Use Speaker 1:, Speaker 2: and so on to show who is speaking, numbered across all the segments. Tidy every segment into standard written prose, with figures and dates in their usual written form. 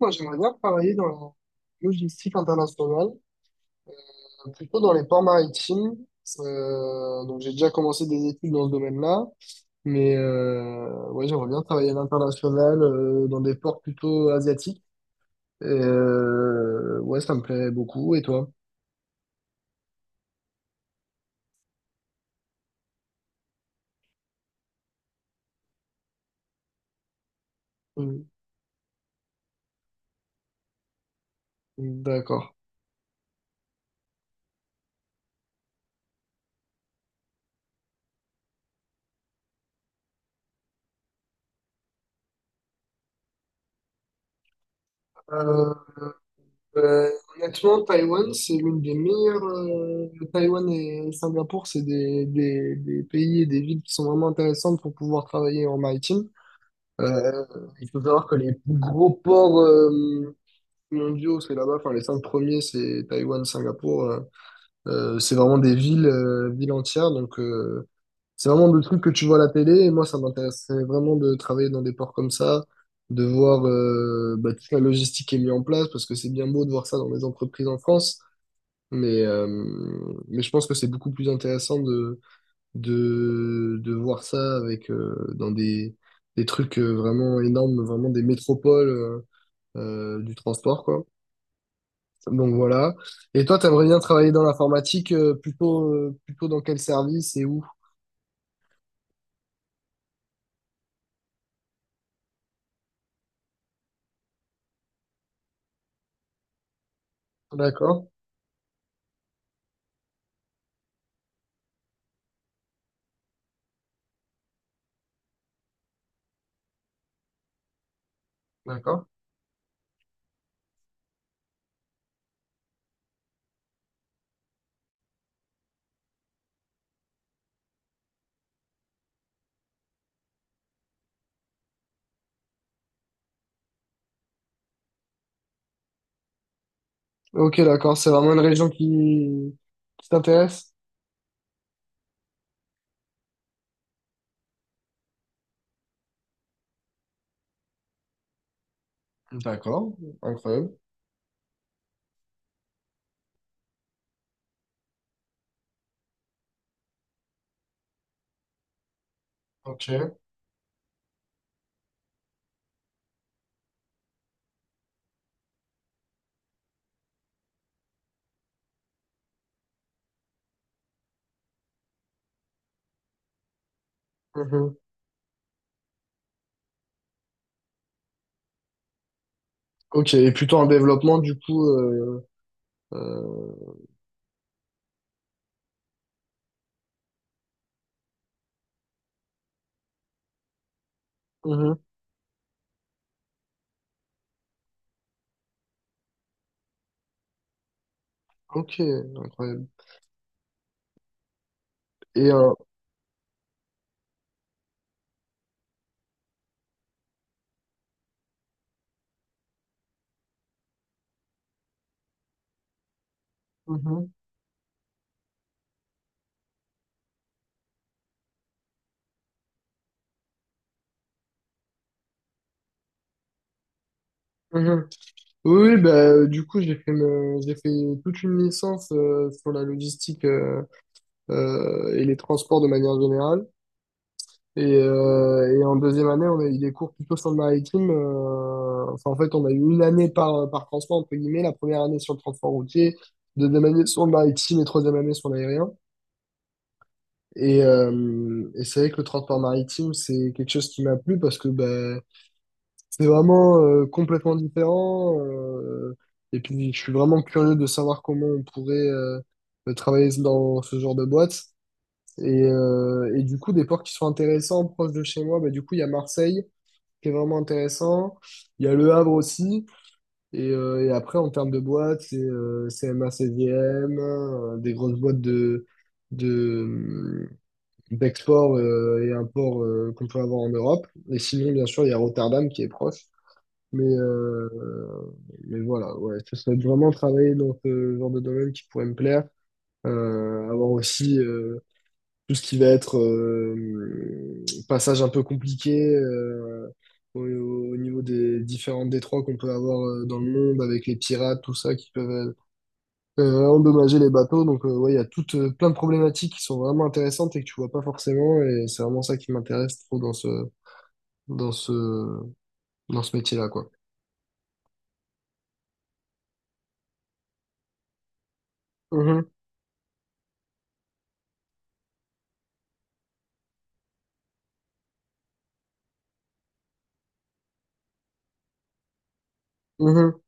Speaker 1: Moi, j'aimerais bien travailler dans la logistique internationale, plutôt dans les ports maritimes. Donc, j'ai déjà commencé des études dans ce domaine-là, mais ouais, j'aimerais bien travailler à l'international, dans des ports plutôt asiatiques. Et, ouais, ça me plairait beaucoup. Et toi? Mm. D'accord. Euh, euh, honnêtement, Taïwan, c'est l'une des meilleures. Taïwan et Singapour, c'est des pays et des villes qui sont vraiment intéressantes pour pouvoir travailler en maritime. Euh, il faut savoir que les plus gros ports mondiaux, c'est là-bas. Enfin, les cinq premiers, c'est Taïwan, Singapour. C'est vraiment des villes, villes entières. Donc, c'est vraiment des trucs que tu vois à la télé. Et moi, ça m'intéressait vraiment de travailler dans des ports comme ça, de voir bah, toute la logistique qui est mise en place, parce que c'est bien beau de voir ça dans les entreprises en France. Mais, euh, mais je pense que c'est beaucoup plus intéressant de voir ça avec dans des trucs vraiment énormes, vraiment des métropoles du transport, quoi. Donc voilà. Et toi, t'aimerais bien travailler dans l'informatique, plutôt dans quel service et où? D'accord, d'accord. Ok, d'accord. C'est vraiment une région qui t'intéresse? D'accord, incroyable. Ok. Mhm. Ok, et plutôt en développement, du coup. Euh, mhm. Ok, incroyable. Et mhm, mhm. Oui, oui, bah, du coup, j'ai fait toute une licence sur la logistique et les transports de manière générale. Et en deuxième année, on a eu des cours plutôt sur le maritime. Enfin, en fait, on a eu une année par, par transport, entre guillemets, la première année sur le transport routier, deuxième année sur le maritime et troisième année sur l'aérien. Et c'est vrai que le transport maritime, c'est quelque chose qui m'a plu parce que bah, c'est vraiment complètement différent. Et puis, je suis vraiment curieux de savoir comment on pourrait travailler dans ce genre de boîte. Et du coup, des ports qui sont intéressants, proches de chez moi, bah, du coup, il y a Marseille, qui est vraiment intéressant. Il y a Le Havre aussi. Et après, en termes de boîtes, c'est CMA, CGM, des grosses boîtes de, d'export et import qu'on peut avoir en Europe. Et sinon, bien sûr, il y a Rotterdam qui est proche. Mais, euh, mais voilà, ouais, ça serait de vraiment travailler dans ce genre de domaine qui pourrait me plaire. Avoir aussi tout ce qui va être passage un peu compliqué au, au niveau des différents détroits qu'on peut avoir dans le monde avec les pirates, tout ça, qui peuvent endommager les bateaux. Donc, ouais, il y a toutes plein de problématiques qui sont vraiment intéressantes et que tu vois pas forcément. Et c'est vraiment ça qui m'intéresse trop dans ce, dans ce métier-là, quoi. Mhm, mhm.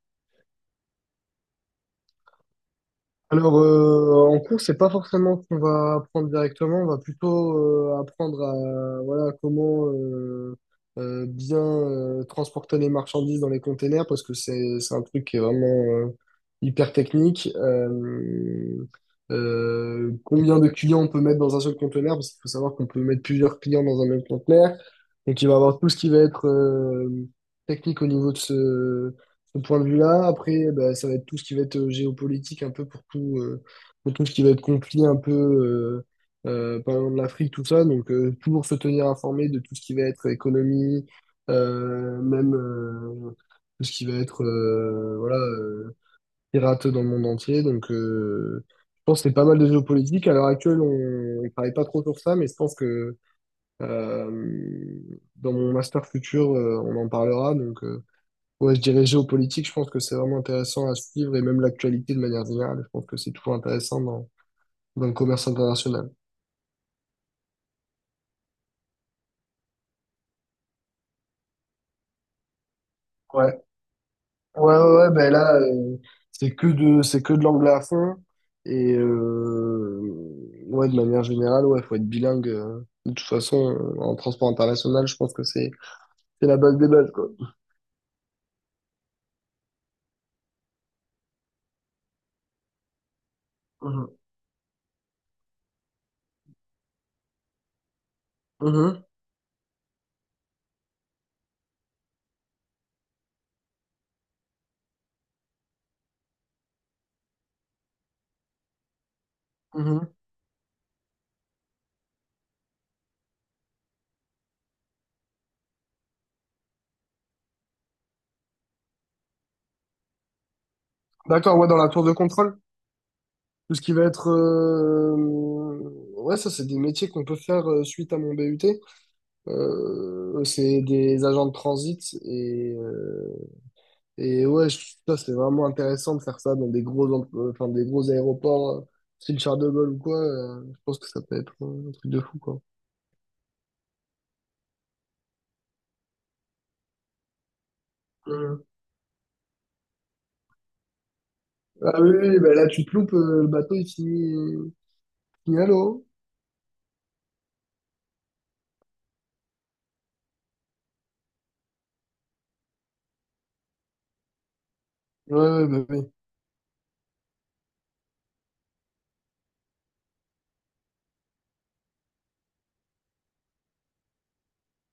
Speaker 1: Alors, en cours, c'est pas forcément ce qu'on va apprendre directement, on va plutôt apprendre à voilà comment bien transporter les marchandises dans les containers parce que c'est un truc qui est vraiment hyper technique. Combien de clients on peut mettre dans un seul conteneur parce qu'il faut savoir qu'on peut mettre plusieurs clients dans un même conteneur. Donc, il va y avoir tout ce qui va être technique au niveau de ce point de vue-là. Après, bah, ça va être tout ce qui va être géopolitique, un peu pour tout ce qui va être conflit, un peu, par exemple, l'Afrique, tout ça. Donc, toujours se tenir informé de tout ce qui va être économie, même tout ce qui va être voilà, pirate dans le monde entier. Donc, je pense que c'est pas mal de géopolitique. À l'heure actuelle, on ne travaille pas trop sur ça, mais je pense que euh, dans mon master futur, on en parlera. Donc, ouais, je dirais géopolitique, je pense que c'est vraiment intéressant à suivre et même l'actualité de manière générale, je pense que c'est toujours intéressant dans le commerce international. Ouais, ouais, ben là, c'est que de l'anglais à fond et ouais, de manière générale, ouais, faut être bilingue. De toute façon, en transport international, je pense que c'est la base des bases, quoi. Mhm. Mhm. Mhm. D'accord, ouais, dans la tour de contrôle, tout ce qui va être, ouais, ça, c'est des métiers qu'on peut faire suite à mon BUT. C'est des agents de transit et ouais, ça c'est vraiment intéressant de faire ça dans enfin, des gros aéroports, style Charles de Gaulle ou quoi. Je pense que ça peut être un truc de fou quoi. Euh, Ah oui, oui, bah là tu te loupes, le bateau finit à l'eau. Ouais, ouais, bah oui.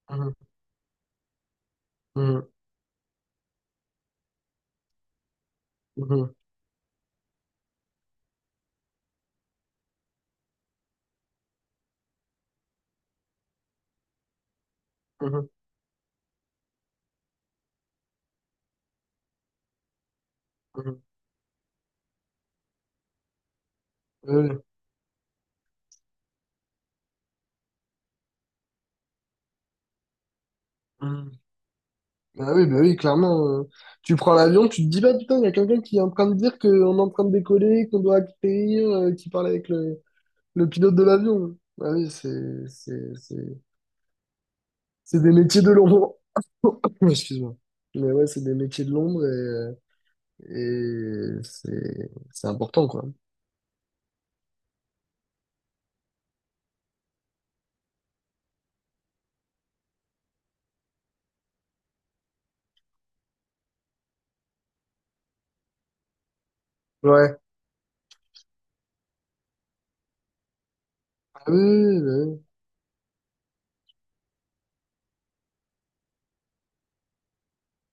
Speaker 1: Mhm, mhm, mhm, mhm, mhm. Ouais, ouais. Mhm. Bah oui, clairement. Tu prends l'avion, tu te dis, bah putain, il y a quelqu'un qui est en train de dire qu'on est en train de décoller, qu'on doit atterrir, qui parle avec le pilote de l'avion. Ah oui, c'est des métiers de l'ombre. Excuse-moi. Mais ouais, c'est des métiers de l'ombre et c'est important, quoi. Ouais. Ah oui, oui,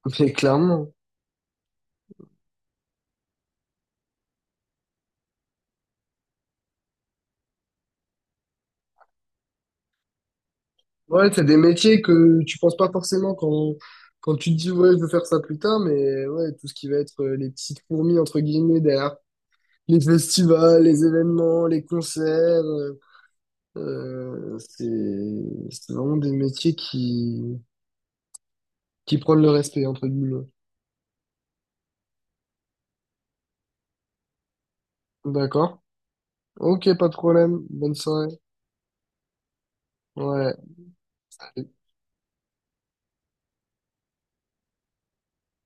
Speaker 1: oui. Mais clairement. Ouais, c'est des métiers que tu penses pas forcément quand tu te dis, ouais, je veux faire ça plus tard, mais ouais, tout ce qui va être les petites fourmis, entre guillemets, derrière les festivals, les événements, les concerts, euh, c'est, c'est vraiment des métiers qui prône le respect, entre guillemets. D'accord? Ok, pas de problème. Bonne soirée. Ouais.